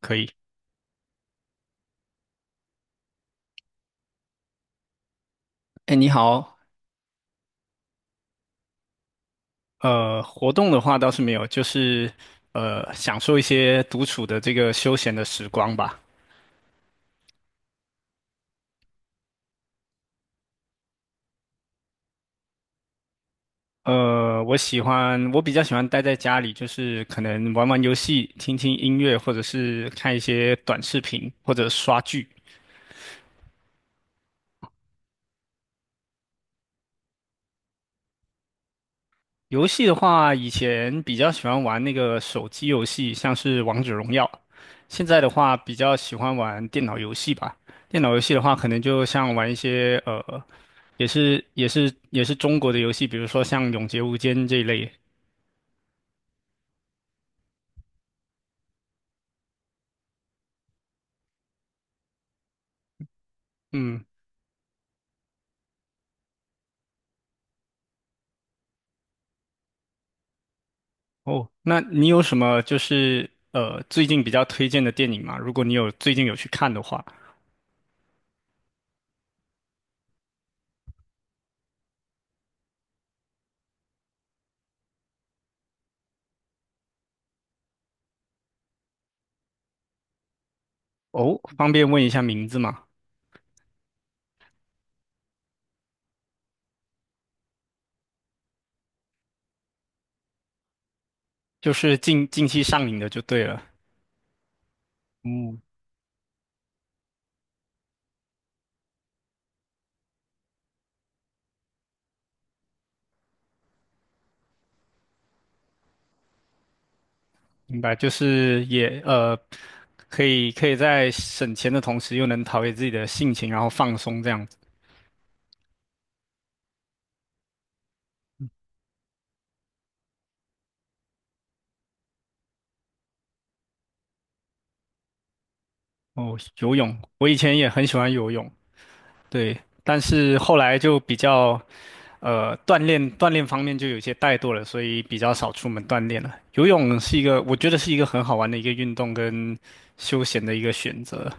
可以。哎，你好。活动的话倒是没有，就是享受一些独处的这个休闲的时光吧。我比较喜欢待在家里，就是可能玩玩游戏、听听音乐，或者是看一些短视频，或者刷剧。游戏的话，以前比较喜欢玩那个手机游戏，像是《王者荣耀》。现在的话，比较喜欢玩电脑游戏吧。电脑游戏的话，可能就像玩一些也是中国的游戏，比如说像《永劫无间》这一类。嗯。哦，那你有什么最近比较推荐的电影吗？如果你有最近有去看的话，哦，方便问一下名字吗？就是近期上映的就对了。嗯，明白，就是也呃，可以在省钱的同时，又能陶冶自己的性情，然后放松这样子。哦，游泳，我以前也很喜欢游泳。对，但是后来就比较锻炼方面就有些怠惰了，所以比较少出门锻炼了。游泳是一个，我觉得是一个很好玩的一个运动跟休闲的一个选择。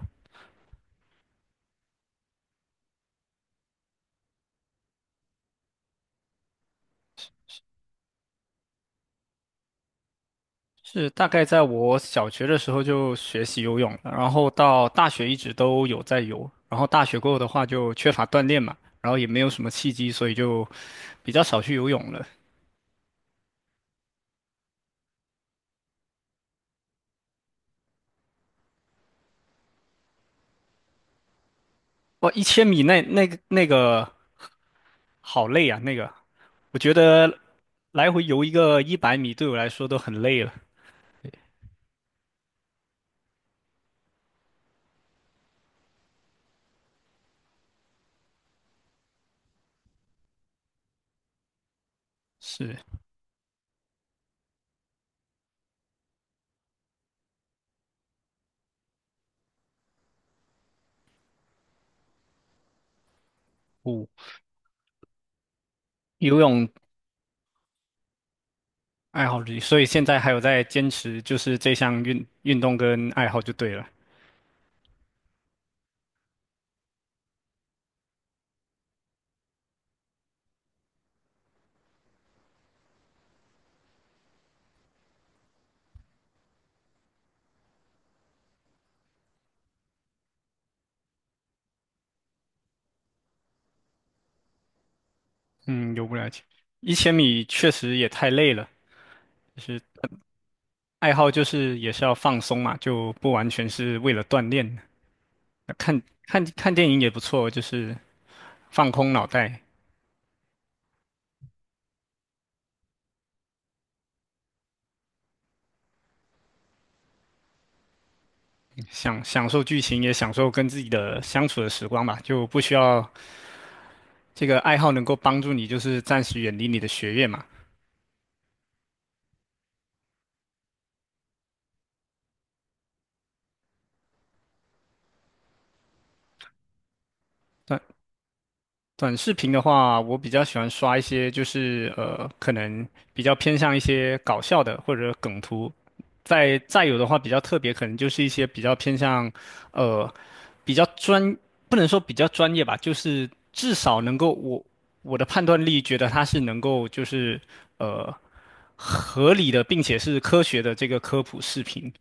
是大概在我小学的时候就学习游泳了，然后到大学一直都有在游，然后大学过后的话就缺乏锻炼嘛，然后也没有什么契机，所以就比较少去游泳了。哇，一千米，那个好累啊，那个我觉得来回游一个100米对我来说都很累了。是，五游泳，爱好之一，所以现在还有在坚持，就是这项运动跟爱好就对了。嗯，游不了解，一千米确实也太累了。是。爱好就是也是要放松嘛，就不完全是为了锻炼。看看看电影也不错，就是放空脑袋，享受剧情，也享受跟自己的相处的时光吧。就不需要，这个爱好能够帮助你，就是暂时远离你的学业嘛。但短视频的话，我比较喜欢刷一些，可能比较偏向一些搞笑的或者梗图。再有的话，比较特别，可能就是一些比较偏向，呃，比较专，不能说比较专业吧，就是至少能够我的判断力觉得它是能够呃合理的，并且是科学的这个科普视频，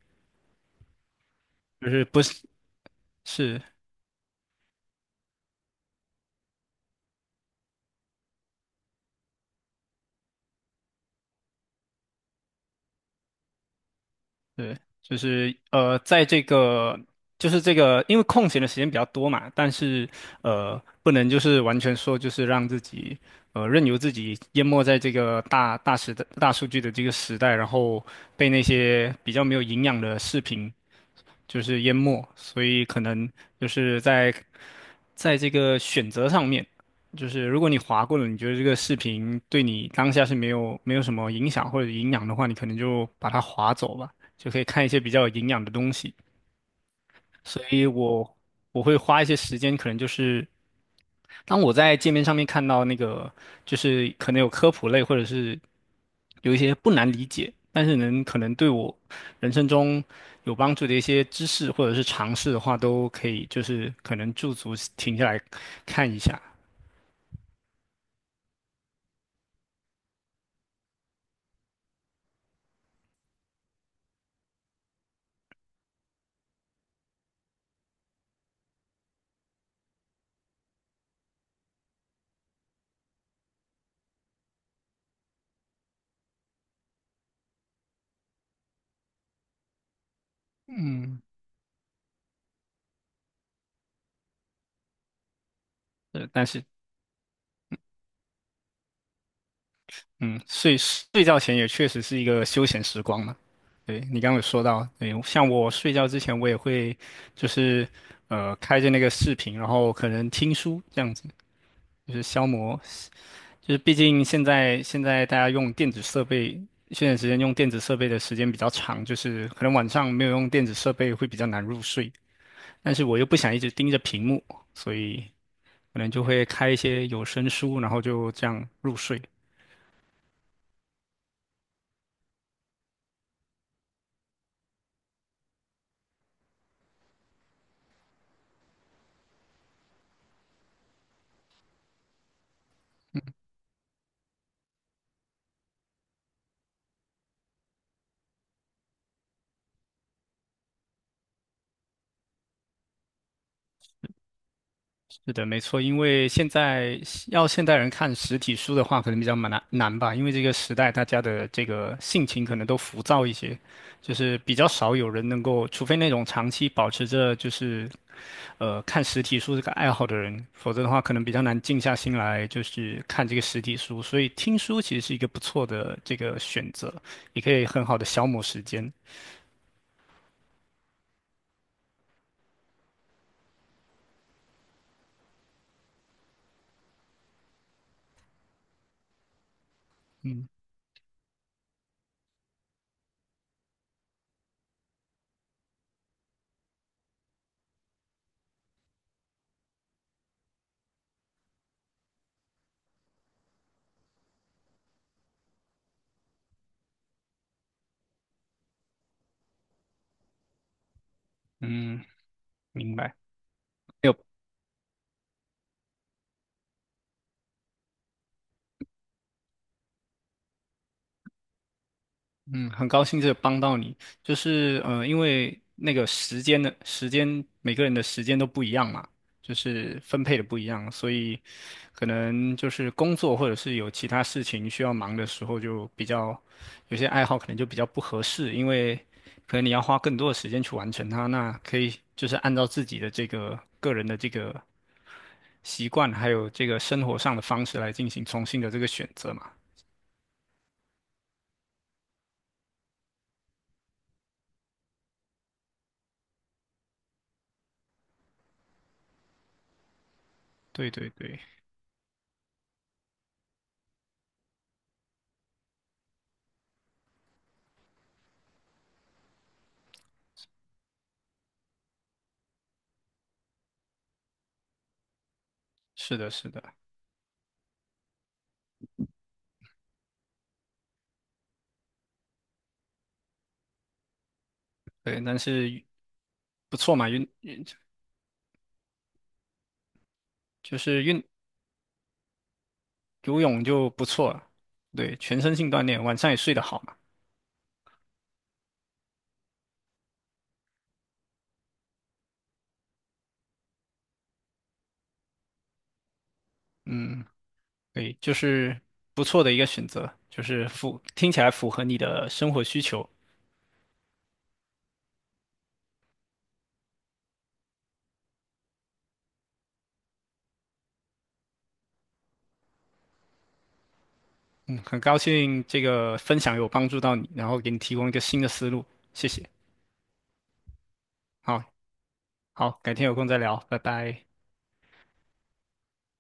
就是不是是对。在这个就是这个，因为空闲的时间比较多嘛，但是不能就是完全说就是让自己任由自己淹没在这个大时代大数据的这个时代，然后被那些比较没有营养的视频就是淹没，所以可能就是在。在这个选择上面，就是如果你划过了，你觉得这个视频对你当下是没有什么影响或者营养的话，你可能就把它划走吧，就可以看一些比较有营养的东西。所以我会花一些时间，可能就是当我在界面上面看到那个，就是可能有科普类，或者是有一些不难理解，但是可能对我人生中有帮助的一些知识或者是尝试的话，都可以就是可能驻足停下来看一下。嗯，但是嗯，睡觉前也确实是一个休闲时光嘛。对，你刚刚有说到，对，像我睡觉之前，我也会就是开着那个视频，然后可能听书这样子，就是消磨，就是毕竟现在大家用电子设备，现在时间用电子设备的时间比较长，就是可能晚上没有用电子设备会比较难入睡，但是我又不想一直盯着屏幕，所以可能就会开一些有声书，然后就这样入睡。是的，没错，因为现在要现代人看实体书的话，可能比较蛮难吧，因为这个时代大家的这个性情可能都浮躁一些，就是比较少有人能够，除非那种长期保持着就是看实体书这个爱好的人，否则的话可能比较难静下心来就是看这个实体书，所以听书其实是一个不错的这个选择，也可以很好的消磨时间。嗯嗯，明白。嗯，很高兴这帮到你，因为时间，每个人的时间都不一样嘛，就是分配的不一样，所以可能就是工作或者是有其他事情需要忙的时候，就比较有些爱好可能就比较不合适，因为可能你要花更多的时间去完成它，那可以就是按照自己的这个个人的这个习惯，还有这个生活上的方式来进行重新的这个选择嘛。对对对。是的，是的，对，但是不错嘛，就是运游泳就不错，对，全身性锻炼，晚上也睡得好嘛。嗯，对，就是不错的一个选择，就是听起来符合你的生活需求。嗯，很高兴这个分享有帮助到你，然后给你提供一个新的思路，谢谢。好。好，改天有空再聊，拜拜。